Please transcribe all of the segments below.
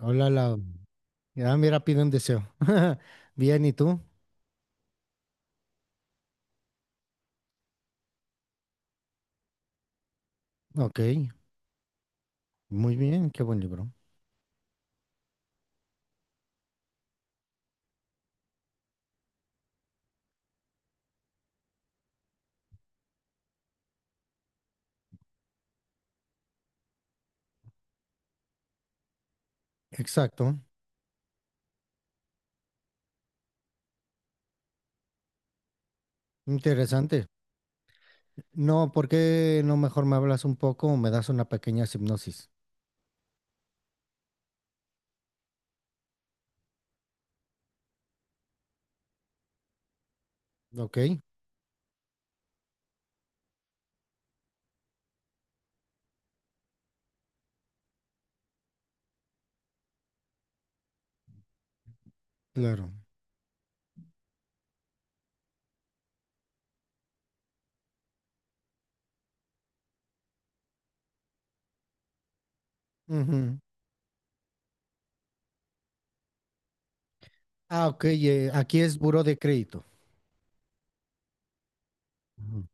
Hola, Lau. Ya, mira, pide un deseo. Bien, ¿y tú? Ok, muy bien, qué buen libro. Exacto, interesante. No, ¿por qué no mejor me hablas un poco o me das una pequeña hipnosis? Ok, claro. Ujú. Ah, ok, aquí es buró de crédito. Ujú,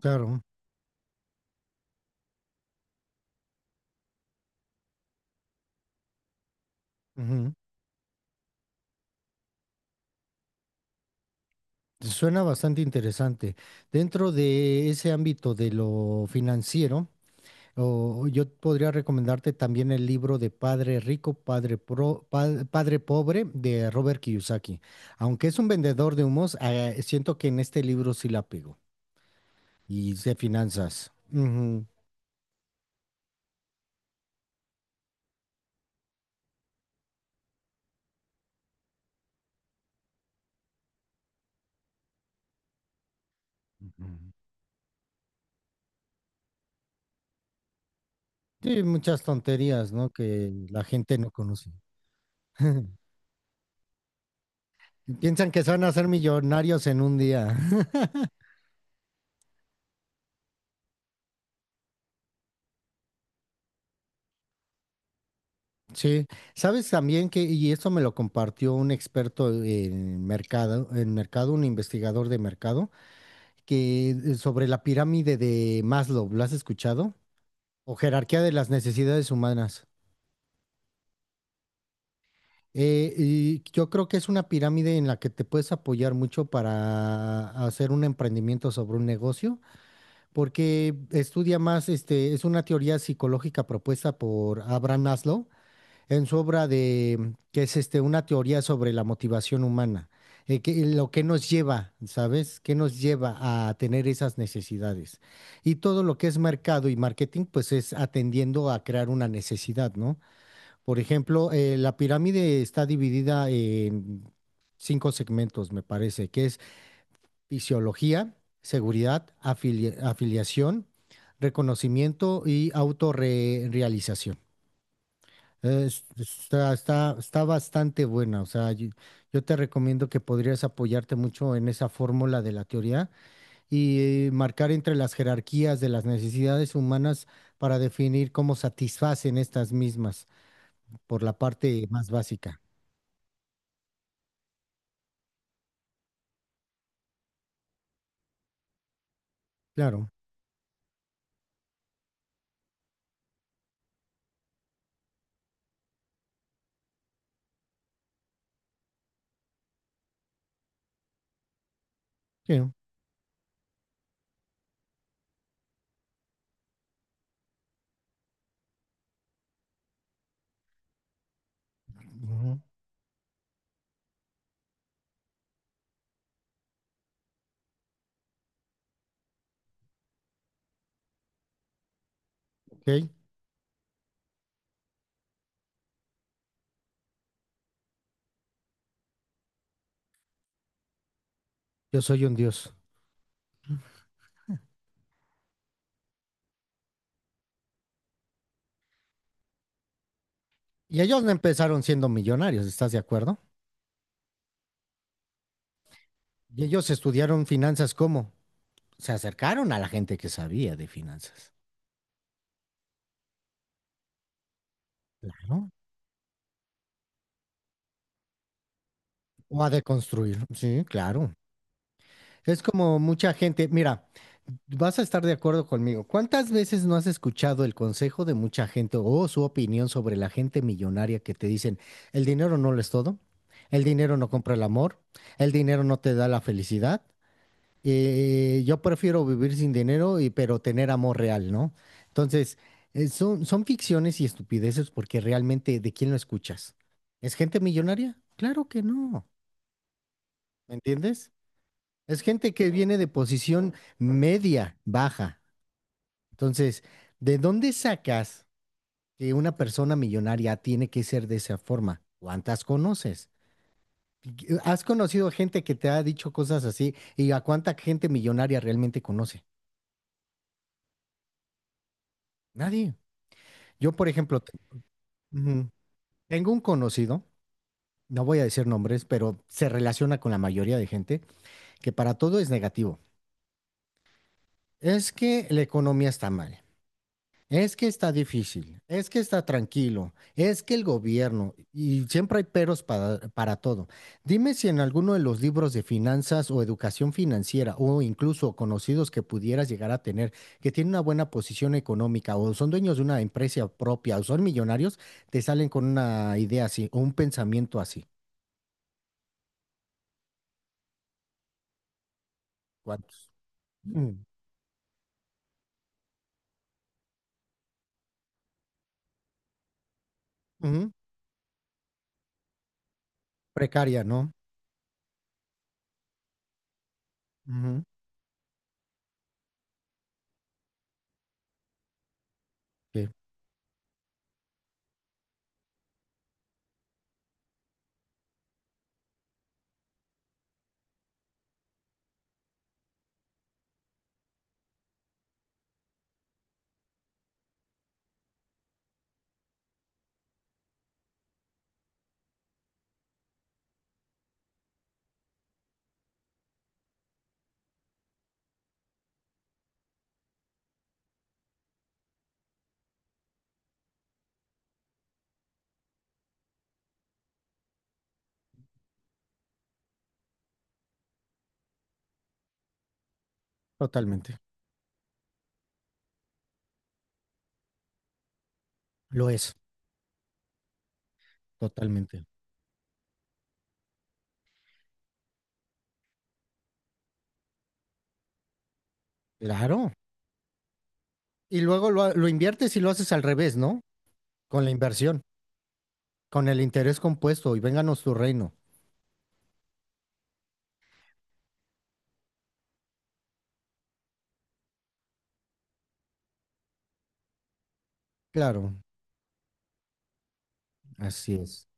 claro. Ujú. Suena bastante interesante. Dentro de ese ámbito de lo financiero, o yo podría recomendarte también el libro de Padre Rico, Padre Pobre de Robert Kiyosaki. Aunque es un vendedor de humos, siento que en este libro sí la pego. Y de finanzas. Ujú. Ujú. Sí, muchas tonterías, ¿no? Que la gente no conoce. Piensan que se van a hacer millonarios en un día. Sí, sabes también que, y esto me lo compartió un experto en mercado, un investigador de mercado, que sobre la pirámide de Maslow, ¿lo has escuchado? O jerarquía de las necesidades humanas. Y yo creo que es una pirámide en la que te puedes apoyar mucho para hacer un emprendimiento sobre un negocio, porque estudia más, este, es una teoría psicológica propuesta por Abraham Maslow en su obra de, que es este, una teoría sobre la motivación humana, lo que nos lleva, ¿sabes? ¿Qué nos lleva a tener esas necesidades? Y todo lo que es mercado y marketing, pues es atendiendo a crear una necesidad, ¿no? Por ejemplo, la pirámide está dividida en cinco segmentos, me parece, que es fisiología, seguridad, afiliación, reconocimiento y autorrealización. Está bastante buena, o sea, yo te recomiendo que podrías apoyarte mucho en esa fórmula de la teoría y marcar entre las jerarquías de las necesidades humanas para definir cómo satisfacen estas mismas por la parte más básica. Claro, sí, ujú, ok, yo soy un dios. Y ellos no empezaron siendo millonarios, ¿estás de acuerdo? Y ellos estudiaron finanzas, ¿cómo? Se acercaron a la gente que sabía de finanzas. Claro. O a deconstruir, sí, claro. Es como mucha gente, mira, vas a estar de acuerdo conmigo. ¿Cuántas veces no has escuchado el consejo de mucha gente o su opinión sobre la gente millonaria que te dicen, el dinero no lo es todo, el dinero no compra el amor, el dinero no te da la felicidad, yo prefiero vivir sin dinero y pero tener amor real, ¿no? Entonces, son ficciones y estupideces porque realmente, ¿de quién lo escuchas? ¿Es gente millonaria? Claro que no. ¿Me entiendes? Es gente que viene de posición media, baja. Entonces, ¿de dónde sacas que una persona millonaria tiene que ser de esa forma? ¿Cuántas conoces? ¿Has conocido gente que te ha dicho cosas así? ¿Y a cuánta gente millonaria realmente conoce? Nadie. Yo, por ejemplo, Ujú. Tengo un conocido, no voy a decir nombres, pero se relaciona con la mayoría de gente, que para todo es negativo. Es que la economía está mal. Es que está difícil, es que está tranquilo, es que el gobierno, y siempre hay peros para todo. Dime si en alguno de los libros de finanzas o educación financiera o incluso conocidos que pudieras llegar a tener, que tienen una buena posición económica o son dueños de una empresa propia o son millonarios, te salen con una idea así o un pensamiento así. ¿Cuántos? Mm, ujú, precaria, ¿no? Ujú, sí, totalmente. Lo es, totalmente. Claro. Y luego lo inviertes y lo haces al revés, ¿no? Con la inversión, con el interés compuesto y vénganos tu reino. Claro, así es.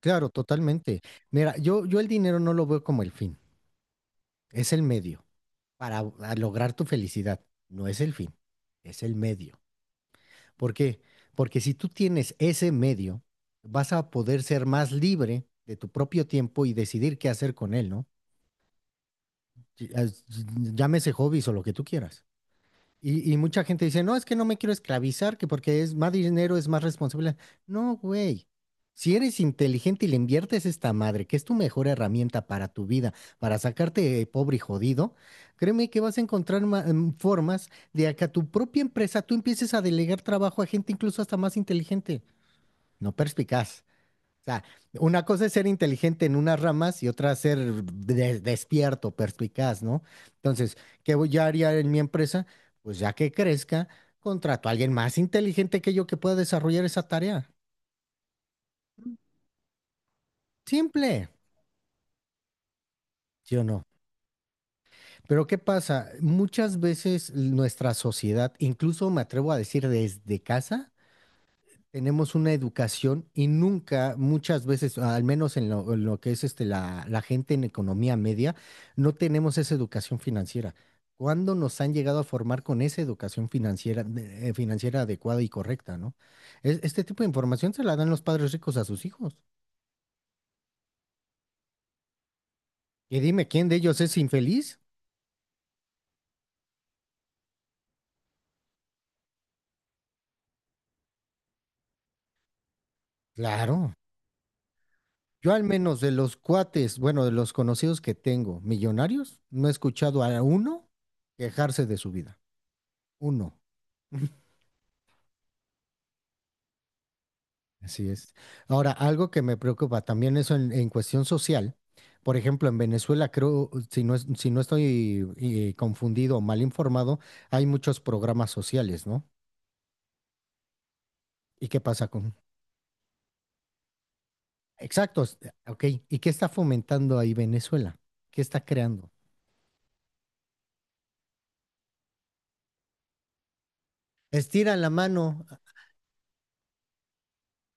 Claro, totalmente. Mira, yo el dinero no lo veo como el fin, es el medio para a lograr tu felicidad. No es el fin, es el medio. ¿Por qué? Porque si tú tienes ese medio, vas a poder ser más libre de tu propio tiempo y decidir qué hacer con él, ¿no? Y- as- Llámese hobbies o lo que tú quieras. Y mucha gente dice, no, es que no me quiero esclavizar, que porque es más dinero, es más responsabilidad. No, güey. Si eres inteligente y le inviertes esta madre, que es tu mejor herramienta para tu vida, para sacarte pobre y jodido, créeme que vas a encontrar formas de a que a tu propia empresa tú empieces a delegar trabajo a gente incluso hasta más inteligente, no perspicaz. O sea, una cosa es ser inteligente en unas ramas y otra ser despierto, perspicaz, ¿no? Entonces, ¿qué voy a haría en mi empresa? Pues ya que crezca, contrato a alguien más inteligente que yo que pueda desarrollar esa tarea. Simple, ¿sí o no? Pero ¿qué pasa? Muchas veces nuestra sociedad, incluso me atrevo a decir desde casa, tenemos una educación y nunca, muchas veces, al menos en lo que es este, la gente en economía media, no tenemos esa educación financiera. ¿Cuándo nos han llegado a formar con esa educación financiera, financiera adecuada y correcta, ¿no? Este tipo de información se la dan los padres ricos a sus hijos. Y dime, ¿quién de ellos es infeliz? Claro. Yo al menos de los cuates, bueno, de los conocidos que tengo, millonarios, no he escuchado a uno quejarse de su vida. Uno. Así es. Ahora, algo que me preocupa también eso en cuestión social. Por ejemplo, en Venezuela creo, si no, si no estoy confundido o mal informado, hay muchos programas sociales, ¿no? ¿Y qué pasa con... Exactos, ok. ¿Y qué está fomentando ahí Venezuela? ¿Qué está creando? Estira la mano,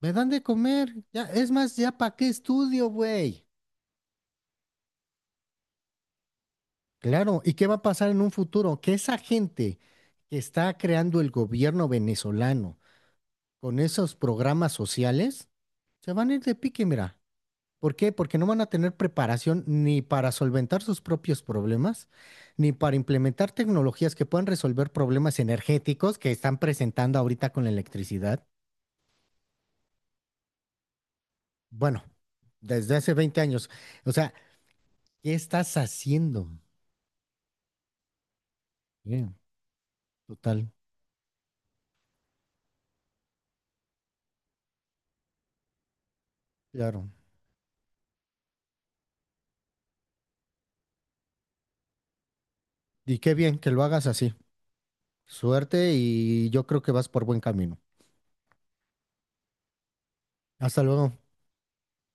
me dan de comer, ya, es más, ya para qué estudio, güey. Claro, ¿y qué va a pasar en un futuro? Que esa gente que está creando el gobierno venezolano con esos programas sociales, se van a ir de pique, mira. ¿Por qué? Porque no van a tener preparación ni para solventar sus propios problemas, ni para implementar tecnologías que puedan resolver problemas energéticos que están presentando ahorita con la electricidad. Bueno, desde hace 20 años. O sea, ¿qué estás haciendo? Bien, total, claro. Y qué bien que lo hagas así. Suerte y yo creo que vas por buen camino. Hasta luego.